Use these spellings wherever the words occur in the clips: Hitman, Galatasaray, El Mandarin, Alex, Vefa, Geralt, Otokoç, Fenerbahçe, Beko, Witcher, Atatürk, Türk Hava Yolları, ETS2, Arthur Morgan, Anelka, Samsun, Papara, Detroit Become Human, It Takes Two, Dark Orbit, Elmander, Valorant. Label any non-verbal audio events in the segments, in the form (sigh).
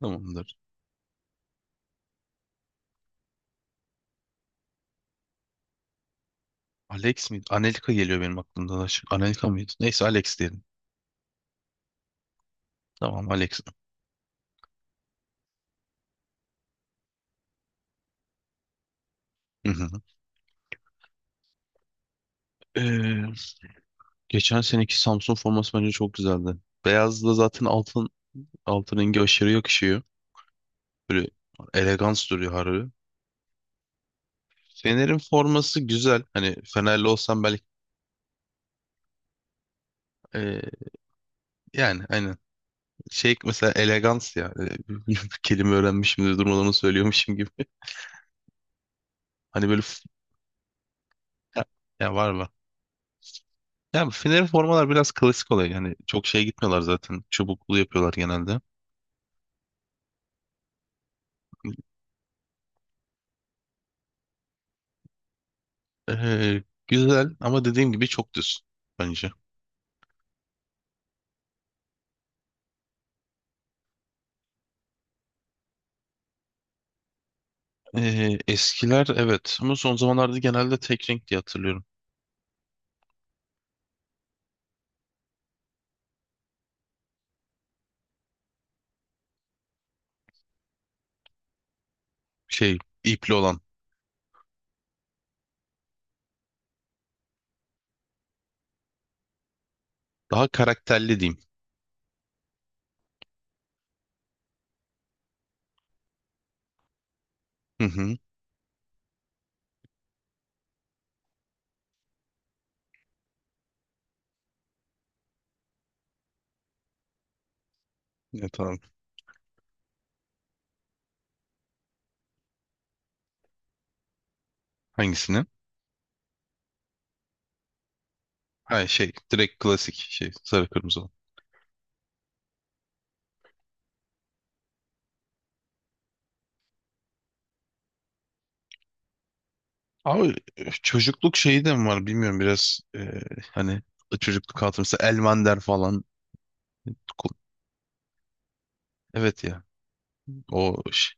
Tamamdır. Alex miydi? Anelka geliyor benim aklımda da. Anelka mıydı? Neyse Alex diyelim. Tamam Alex. Hı hı. Ee, Geçen seneki Samsun forması bence çok güzeldi. Beyazla zaten altın rengi aşırı yakışıyor. Böyle elegans duruyor harbi. Fener'in forması güzel. Hani Fenerli olsam belki ee, yani aynen. Şey mesela elegans ya. (laughs) Kelime öğrenmişim de durmadan onu söylüyormuşum gibi. Hani böyle ya, ya var mı? Yani Fener'in formalar biraz klasik oluyor. Yani çok şey gitmiyorlar zaten. Çubuklu yapıyorlar genelde. Güzel ama dediğim gibi çok düz bence. Eskiler evet ama son zamanlarda genelde tek renk diye hatırlıyorum. Şey ipli olan. Daha karakterli diyeyim. Hı hı. Evet, tamam. Hangisini? Ha, şey direkt klasik şey sarı kırmızı olan. Abi çocukluk şeyi de mi var bilmiyorum biraz hani çocukluk hatırlısı Elmander falan. Evet ya o, ş-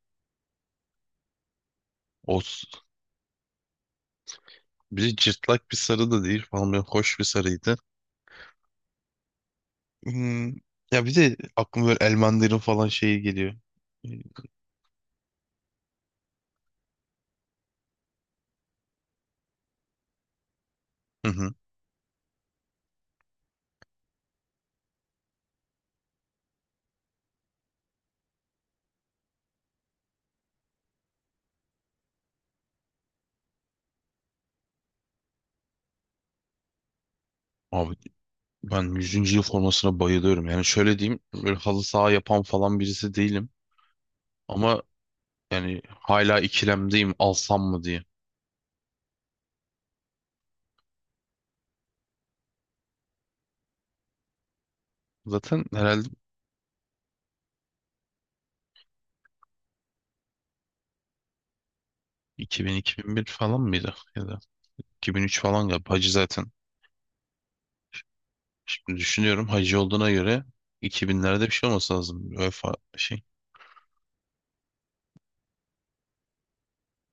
o biri cırtlak bir sarı da değil falan böyle hoş bir sarıydı. Hmm, Ya bir de aklıma böyle El Mandarin falan şeyi geliyor. Ee, Hı hı. Abi ben 100. yıl formasına bayılıyorum. Yani şöyle diyeyim, böyle halı saha yapan falan birisi değilim. Ama yani hala ikilemdeyim alsam mı diye. Zaten herhalde 2000-2001 falan mıydı? Ya da 2003 falan galiba. Hacı zaten. Şimdi düşünüyorum hacı olduğuna göre 2000'lerde bir şey olması lazım. Vefa şey.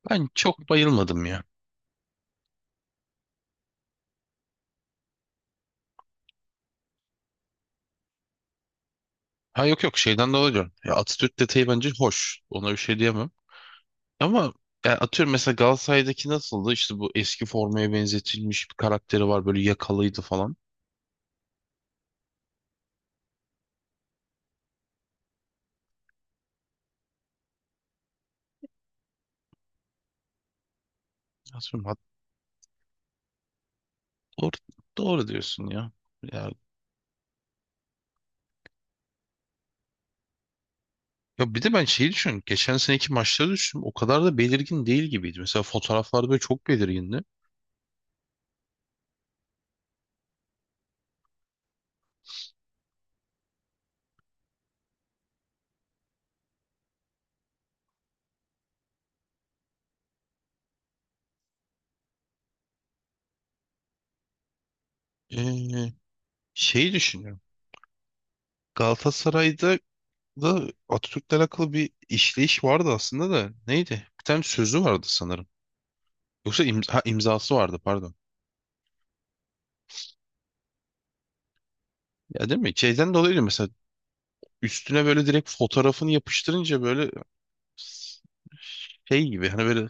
Ben çok bayılmadım ya. Ha, yok yok, şeyden dolayı diyorum. Ya Atatürk detayı bence hoş. Ona bir şey diyemem. Ama ya atıyorum mesela Galatasaray'daki nasıldı? İşte bu eski formaya benzetilmiş bir karakteri var. Böyle yakalıydı falan. Atıyorum, doğru, doğru diyorsun ya. Ya Ya bir de ben şeyi düşünüyorum. Geçen seneki maçları düşündüm. O kadar da belirgin değil gibiydi. Mesela fotoğraflarda böyle çok belirgindi. Ee, Şeyi düşünüyorum. Galatasaray'da da Atatürk'le alakalı bir işleyiş vardı aslında da. Neydi? Bir tane sözü vardı sanırım. Yoksa imza, ha, imzası vardı pardon. Ya, değil mi? Şeyden dolayı mesela üstüne böyle direkt fotoğrafını yapıştırınca böyle şey gibi, hani böyle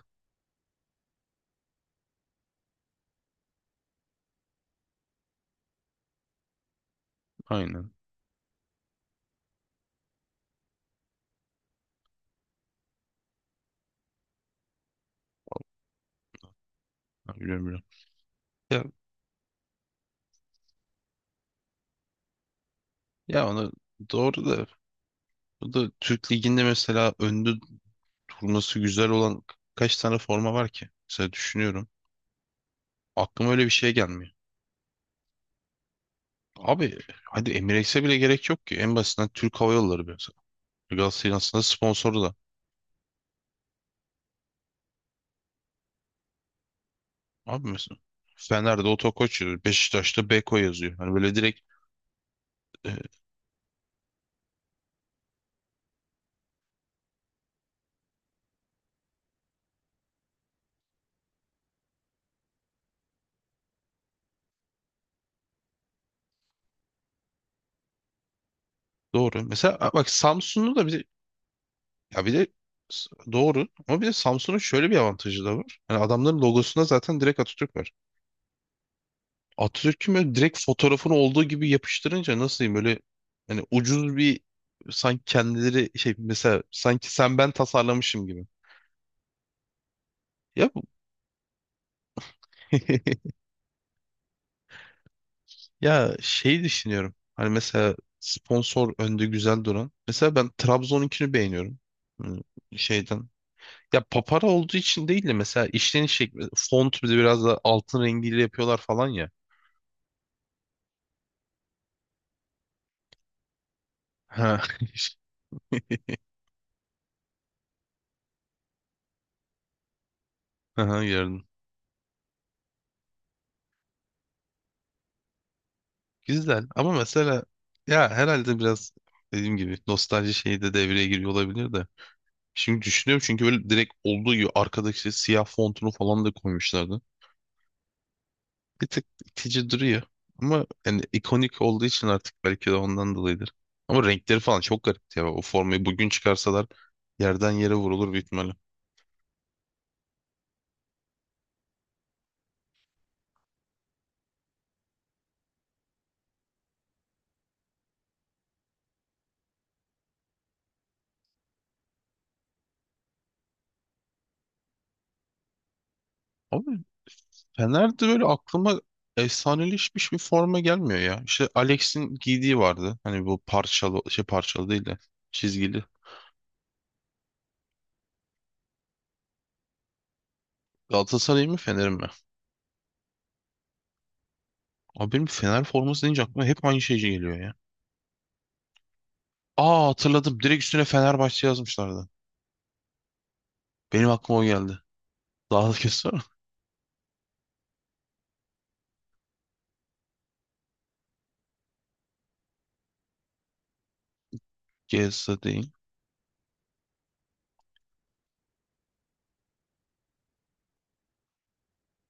aynen. Ha, biliyorum biliyorum. Ya, ya onu doğru da, bu da Türk Ligi'nde mesela öndü turnası güzel olan kaç tane forma var ki? Mesela düşünüyorum. Aklıma öyle bir şey gelmiyor. Abi hadi Emirates'e bile gerek yok ki. En basitinden Türk Hava Yolları mesela. Galatasaray'ın aslında sponsoru da. Abi mesela Fener'de Otokoç yazıyor. Beşiktaş'ta Beko yazıyor. Hani böyle direkt e, doğru. Mesela bak Samsun'u da, bir de ya bir de doğru ama bir de Samsun'un şöyle bir avantajı da var. Yani adamların logosunda zaten direkt Atatürk var. Atatürk'ün böyle direkt fotoğrafını olduğu gibi yapıştırınca nasıl diyeyim, böyle hani ucuz bir, sanki kendileri şey mesela, sanki sen ben tasarlamışım gibi. Ya (laughs) ya şey düşünüyorum. Hani mesela sponsor önde güzel duran. Mesela ben Trabzon'unkini beğeniyorum. Hmm, Şeyden. Ya papara olduğu için değil de mesela işleniş şekli, font, bir de biraz da altın rengiyle yapıyorlar falan ya. Ha. (laughs) Aha, gördüm. Güzel ama mesela ya herhalde biraz dediğim gibi nostalji şeyi de devreye giriyor olabilir de. Şimdi düşünüyorum çünkü böyle direkt olduğu gibi arkadaki işte siyah fontunu falan da koymuşlardı. Bir tık itici duruyor. Ama yani ikonik olduğu için artık belki de ondan dolayıdır. Ama renkleri falan çok garipti ya. O formayı bugün çıkarsalar yerden yere vurulur büyük ihtimalle. Abi Fener'de böyle aklıma efsaneleşmiş bir forma gelmiyor ya. İşte Alex'in giydiği vardı. Hani bu parçalı şey, parçalı değil de çizgili. Galatasaray mı Fener mi? Abi benim Fener forması deyince aklıma hep aynı şey geliyor ya. Aa, hatırladım. Direkt üstüne Fenerbahçe yazmışlardı. Benim aklıma o geldi. Daha da kötü var mı? Gelse (laughs) değil.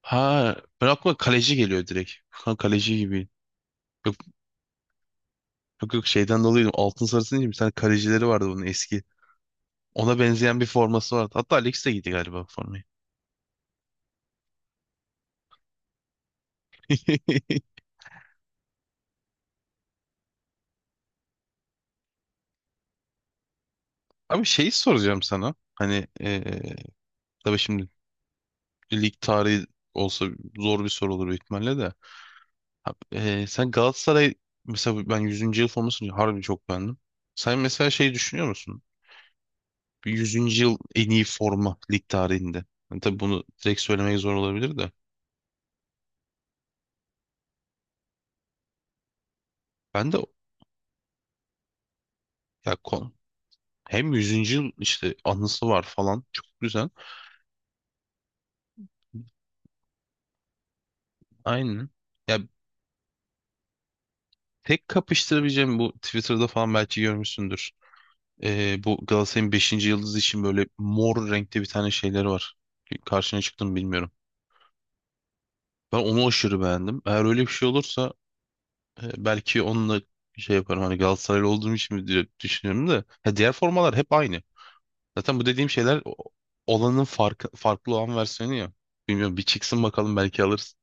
Ha, ben aklıma kaleci geliyor direkt. (laughs) Ha, kaleci gibi. Yok, yok yok, şeyden dolayı altın sarısı değil mi? Bir tane kalecileri vardı bunun eski. Ona benzeyen bir forması vardı. Hatta Alex de giydi galiba bu formayı. (laughs) Abi şeyi soracağım sana. Hani tabii şimdi lig tarihi olsa zor bir soru olur büyük ihtimalle de. Abi, sen Galatasaray, mesela ben 100. yıl formasını harbi çok beğendim. Sen mesela şey düşünüyor musun? Bir 100. yıl en iyi forma lig tarihinde. Yani tabii bunu direkt söylemek zor olabilir de. Ben de, ya kon, hem 100. yıl işte anısı var falan, çok güzel. Aynen. Ya tek kapıştırabileceğim bu Twitter'da falan belki görmüşsündür. Bu Galatasaray'ın beşinci yıldızı için böyle mor renkte bir tane şeyleri var. Karşına çıktım bilmiyorum. Ben onu aşırı beğendim. Eğer öyle bir şey olursa belki onunla şey yaparım, hani Galatasaraylı olduğum için mi diye düşünüyorum da, ya diğer formalar hep aynı. Zaten bu dediğim şeyler olanın farkı, farklı olan versiyonu ya. Bilmiyorum, bir çıksın bakalım belki alırız.